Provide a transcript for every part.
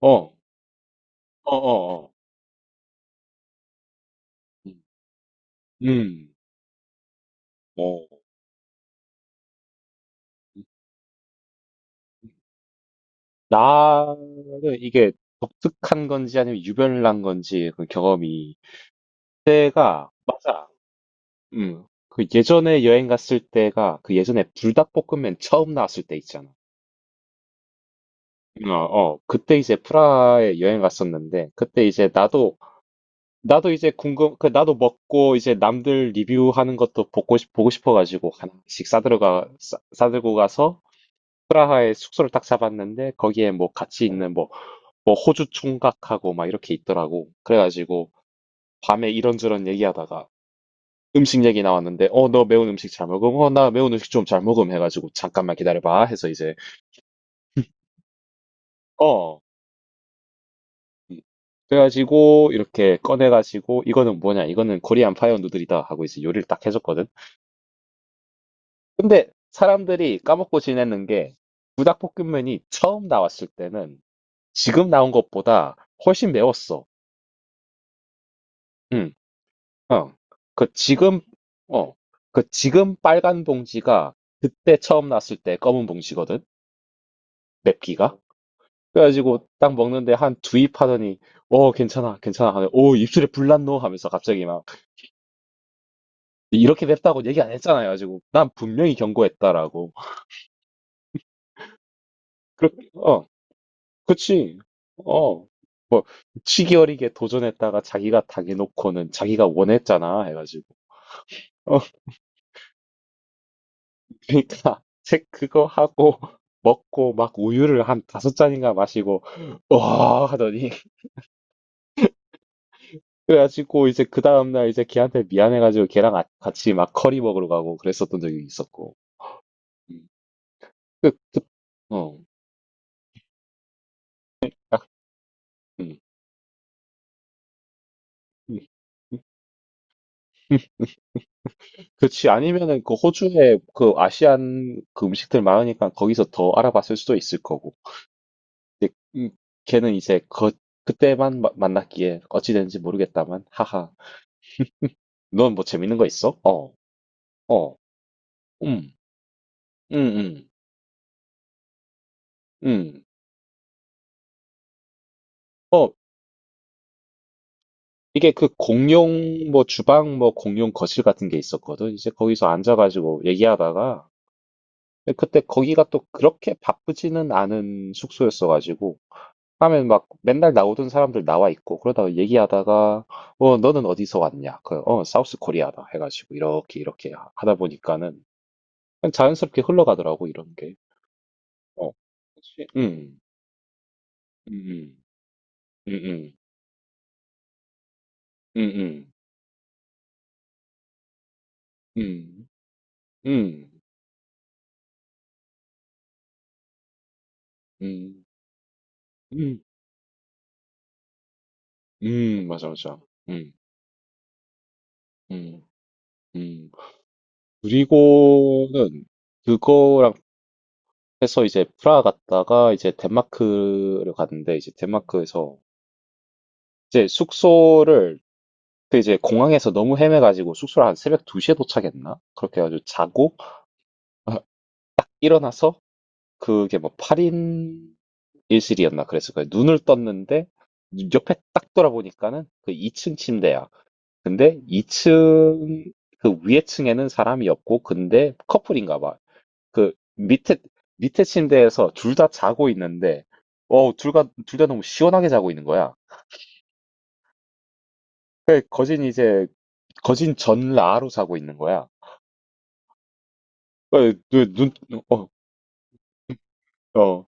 어, 어어 어. 음. 음. 어. 나는 이게 독특한 건지 아니면 유별난 건지 그 경험이 때가 맞아. 음. 그 예전에 여행 갔을 때가 그 예전에 불닭볶음면 처음 나왔을 때 있잖아. 어, 어. 그때 이제 프라하에 여행 갔었는데 그때 이제 나도 이제 궁금 그 나도 먹고 이제 남들 리뷰하는 것도 보고 싶어 가지고 하나씩 싸들고 가서 프라하에 숙소를 딱 잡았는데 거기에 뭐 같이 있는 뭐 호주 총각하고 막 이렇게 있더라고. 그래가지고 밤에 이런저런 얘기하다가 음식 얘기 나왔는데 어 너 매운 음식 잘 먹음? 어 나 매운 음식 좀 잘 먹음 해가지고 잠깐만 기다려봐 해서 이제 어 음. 그래가지고 이렇게 꺼내가지고 이거는 뭐냐 이거는 코리안 파이어 누들이다 하고 이제 요리를 딱 해줬거든. 근데 사람들이 까먹고 지내는 게 부닭볶음면이 처음 나왔을 때는 지금 나온 것보다 훨씬 매웠어. 음. 어, 그 지금, 어, 그 지금 빨간 봉지가 그때 처음 났을 때 검은 봉지거든? 맵기가? 그래가지고 딱 먹는데 한 두입 하더니, 괜찮아, 괜찮아. 하네. 오, 입술에 불 났노? 하면서 갑자기 막, 이렇게 맵다고 얘기 안 했잖아요. 가지고, 난 분명히 경고했다라고. 그렇, 어, 그치. 어, 뭐, 치기 어리게 도전했다가 자기가 당해놓고는 자기가 원했잖아. 해가지고. 어. 그러니까 책 그거 하고 먹고 막 우유를 한 다섯 잔인가 마시고 와 하더니 그래가지고 이제 그 다음날 이제 걔한테 미안해가지고 걔랑 같이 막 커리 먹으러 가고 그랬었던 적이 있었고. 음. 그, 그, 어, 음, 음, 음, 음. 그치 아니면은 그 호주에 그 아시안 그 음식들 많으니까 거기서 더 알아봤을 수도 있을 거고 근데 걔는 이제 그때만 만났기에 어찌 됐는지 모르겠다만 하하. 넌 뭐 재밌는 거 있어? 어. 어. 음, 음, 음, 음. 어, 이게 그 공용 뭐 주방 뭐 공용 거실 같은 게 있었거든. 이제 거기서 앉아가지고 얘기하다가 그때 거기가 또 그렇게 바쁘지는 않은 숙소였어가지고 하면 막 맨날 나오던 사람들 나와 있고 그러다가 얘기하다가 어 너는 어디서 왔냐? 그 어 사우스 코리아다 해가지고 이렇게 이렇게 하다 보니까는 그냥 자연스럽게 흘러가더라고 이런 게. 어, 그치? 음, 음, 음, 음, 음, 음, 음, 음. 음, 맞아, 맞아. 음, 음, 음. 그리고는 그거랑 해서 이제 프라하 갔다가 이제 덴마크를 갔는데 이제 덴마크에서 이제 숙소를 그 이제 공항에서 너무 헤매가지고 숙소를 한 새벽 2시에 도착했나? 그렇게 해가지고 자고 일어나서 그게 뭐 8인 일실이었나 그랬을 거예요. 눈을 떴는데 옆에 딱 돌아보니까는 그 2층 침대야. 근데 2층 그 위에 층에는 사람이 없고 근데 커플인가 봐. 그 밑에 침대에서 둘 다 자고 있는데 둘다 둘 다 너무 시원하게 자고 있는 거야. 그 거진 전라로 자고 있는 거야. 그눈어어 눈 어, 어, 어.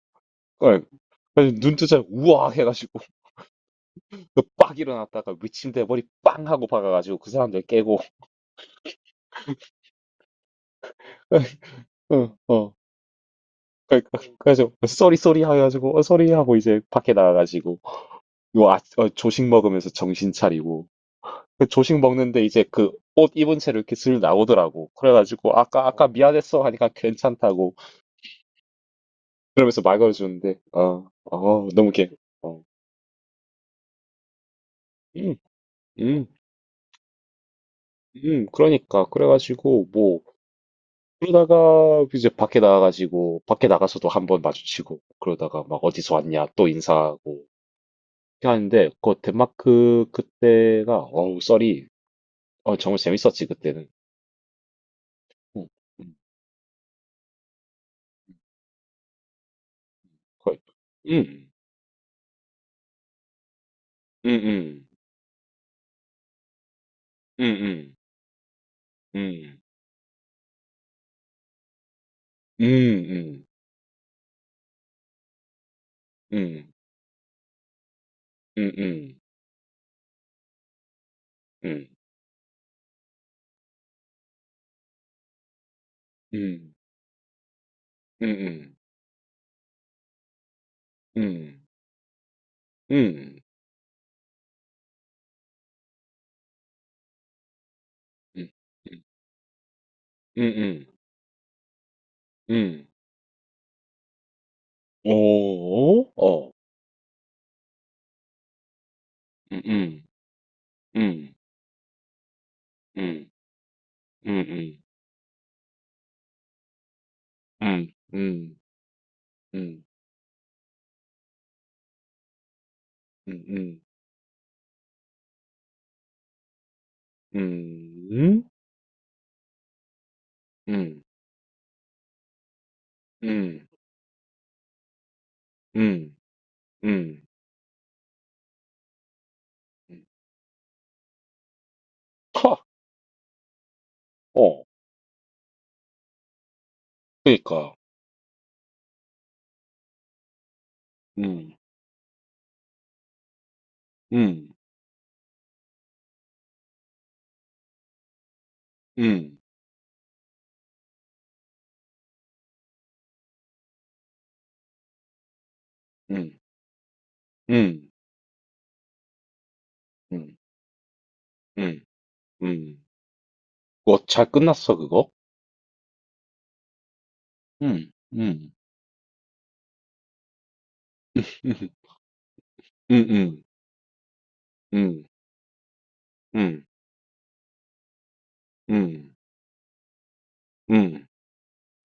그 눈 뜨자 우와 해가지고 그빡 일어났다가 위침대 머리 빵 하고 박아가지고 그 사람들 깨고 어, 어. 그래서 쏘리 쏘리 해가지고 쏘리 하고 이제 밖에 나가가지고 조식 먹으면서 정신 차리고 그 조식 먹는데 이제 그 옷 입은 채로 이렇게 슬 나오더라고. 그래가지고 아까 아까 미안했어 하니까 괜찮다고 그러면서 말 걸어주는데 어, 너무 이렇게 어, 음, 음, 음. 그러니까 그래가지고 뭐 그러다가 이제 밖에 나가가지고 밖에 나가서도 한번 마주치고 그러다가 막 어디서 왔냐 또 인사하고 이렇게 하는데 그 덴마크 그때가 어우 썰이 정말 재밌었지 그때는. 음, 음, 거의. 음. 응응응응응응응응응응응응응응응응응응응. 어? 어. 응 오. 어. 응응응응응응응응응응응응응응. 응 커. 어. 그러니까. 음. 음. 음. 음. 음. 음. 음. 음. 그거 잘 끝났어, 그거? 응, 응, 응, 응, 응, 응, 응, 응, 응,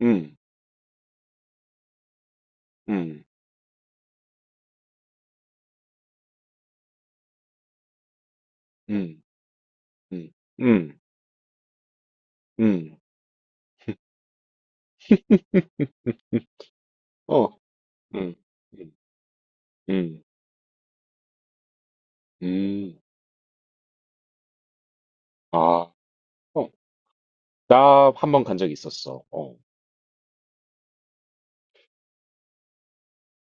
응, 응, 응, 응, 응. 어, 응, 응, 응, 응. 아, 어, 나 한 번 간 적이 있었어. 어.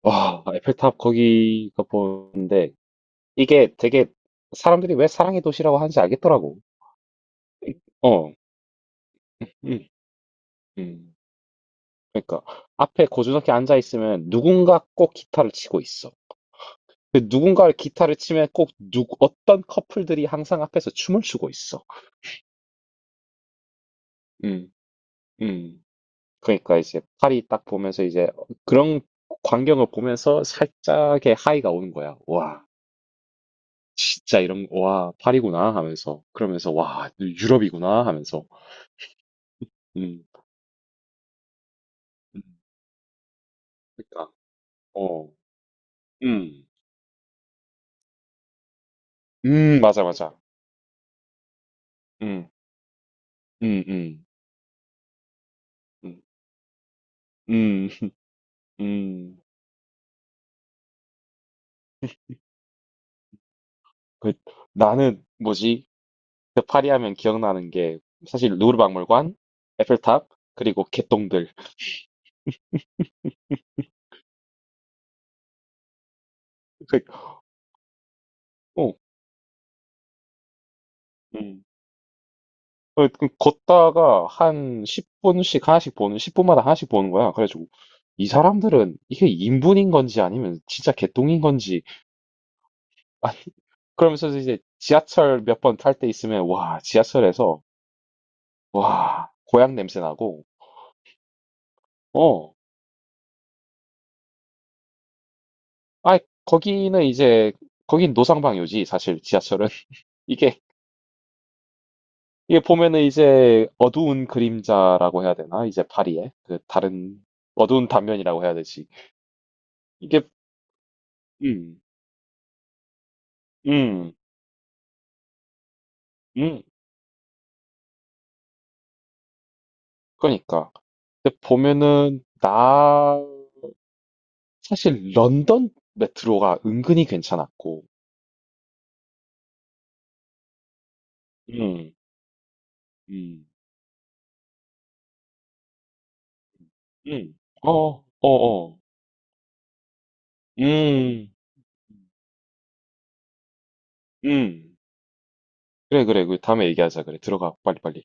와, 에펠탑 거기가 보는데, 이게 되게 사람들이 왜 사랑의 도시라고 하는지 알겠더라고. 어, 응, 응. 응. 그러니까 앞에 고즈넉히 앉아 있으면 누군가 꼭 기타를 치고 있어. 그 누군가를 기타를 치면 꼭 어떤 커플들이 항상 앞에서 춤을 추고 있어. 음, 음. 그러니까 이제 파리 딱 보면서 이제 그런 광경을 보면서 살짝의 하이가 오는 거야. 와, 진짜 이런, 와, 파리구나 하면서. 그러면서, 와, 유럽이구나 하면서. 음, 음. 그러니까, 어, 음, 맞아, 맞아. 음, 음, 음, 음, 음. 음. 그 나는 뭐지? 그 파리 하면 기억나는 게 사실 루브르 박물관, 에펠탑, 그리고 개똥들. 그, 어, 음. 어, 그 걷다가 한 10분씩 하나씩 보는, 10분마다 하나씩 보는 거야. 그래가지고 이 사람들은 이게 인분인 건지 아니면 진짜 개똥인 건지 아니 그러면서 이제 지하철 몇 번 탈 때 있으면 와 지하철에서 와 고향 냄새 나고 어 아 거기는 이제 거긴 노상방뇨지 사실 지하철은 이게 이게 보면은 이제 어두운 그림자라고 해야 되나? 이제 파리에 그 다른 어두운 단면이라고 해야 되지. 이게 음, 음, 음, 그러니까. 근데 보면은 나 사실 런던 메트로가 은근히 괜찮았고, 음, 음, 음, 어, 어, 어, 음, 음, 그래, 그래, 그 다음에 얘기하자, 그래, 들어가, 빨리, 빨리.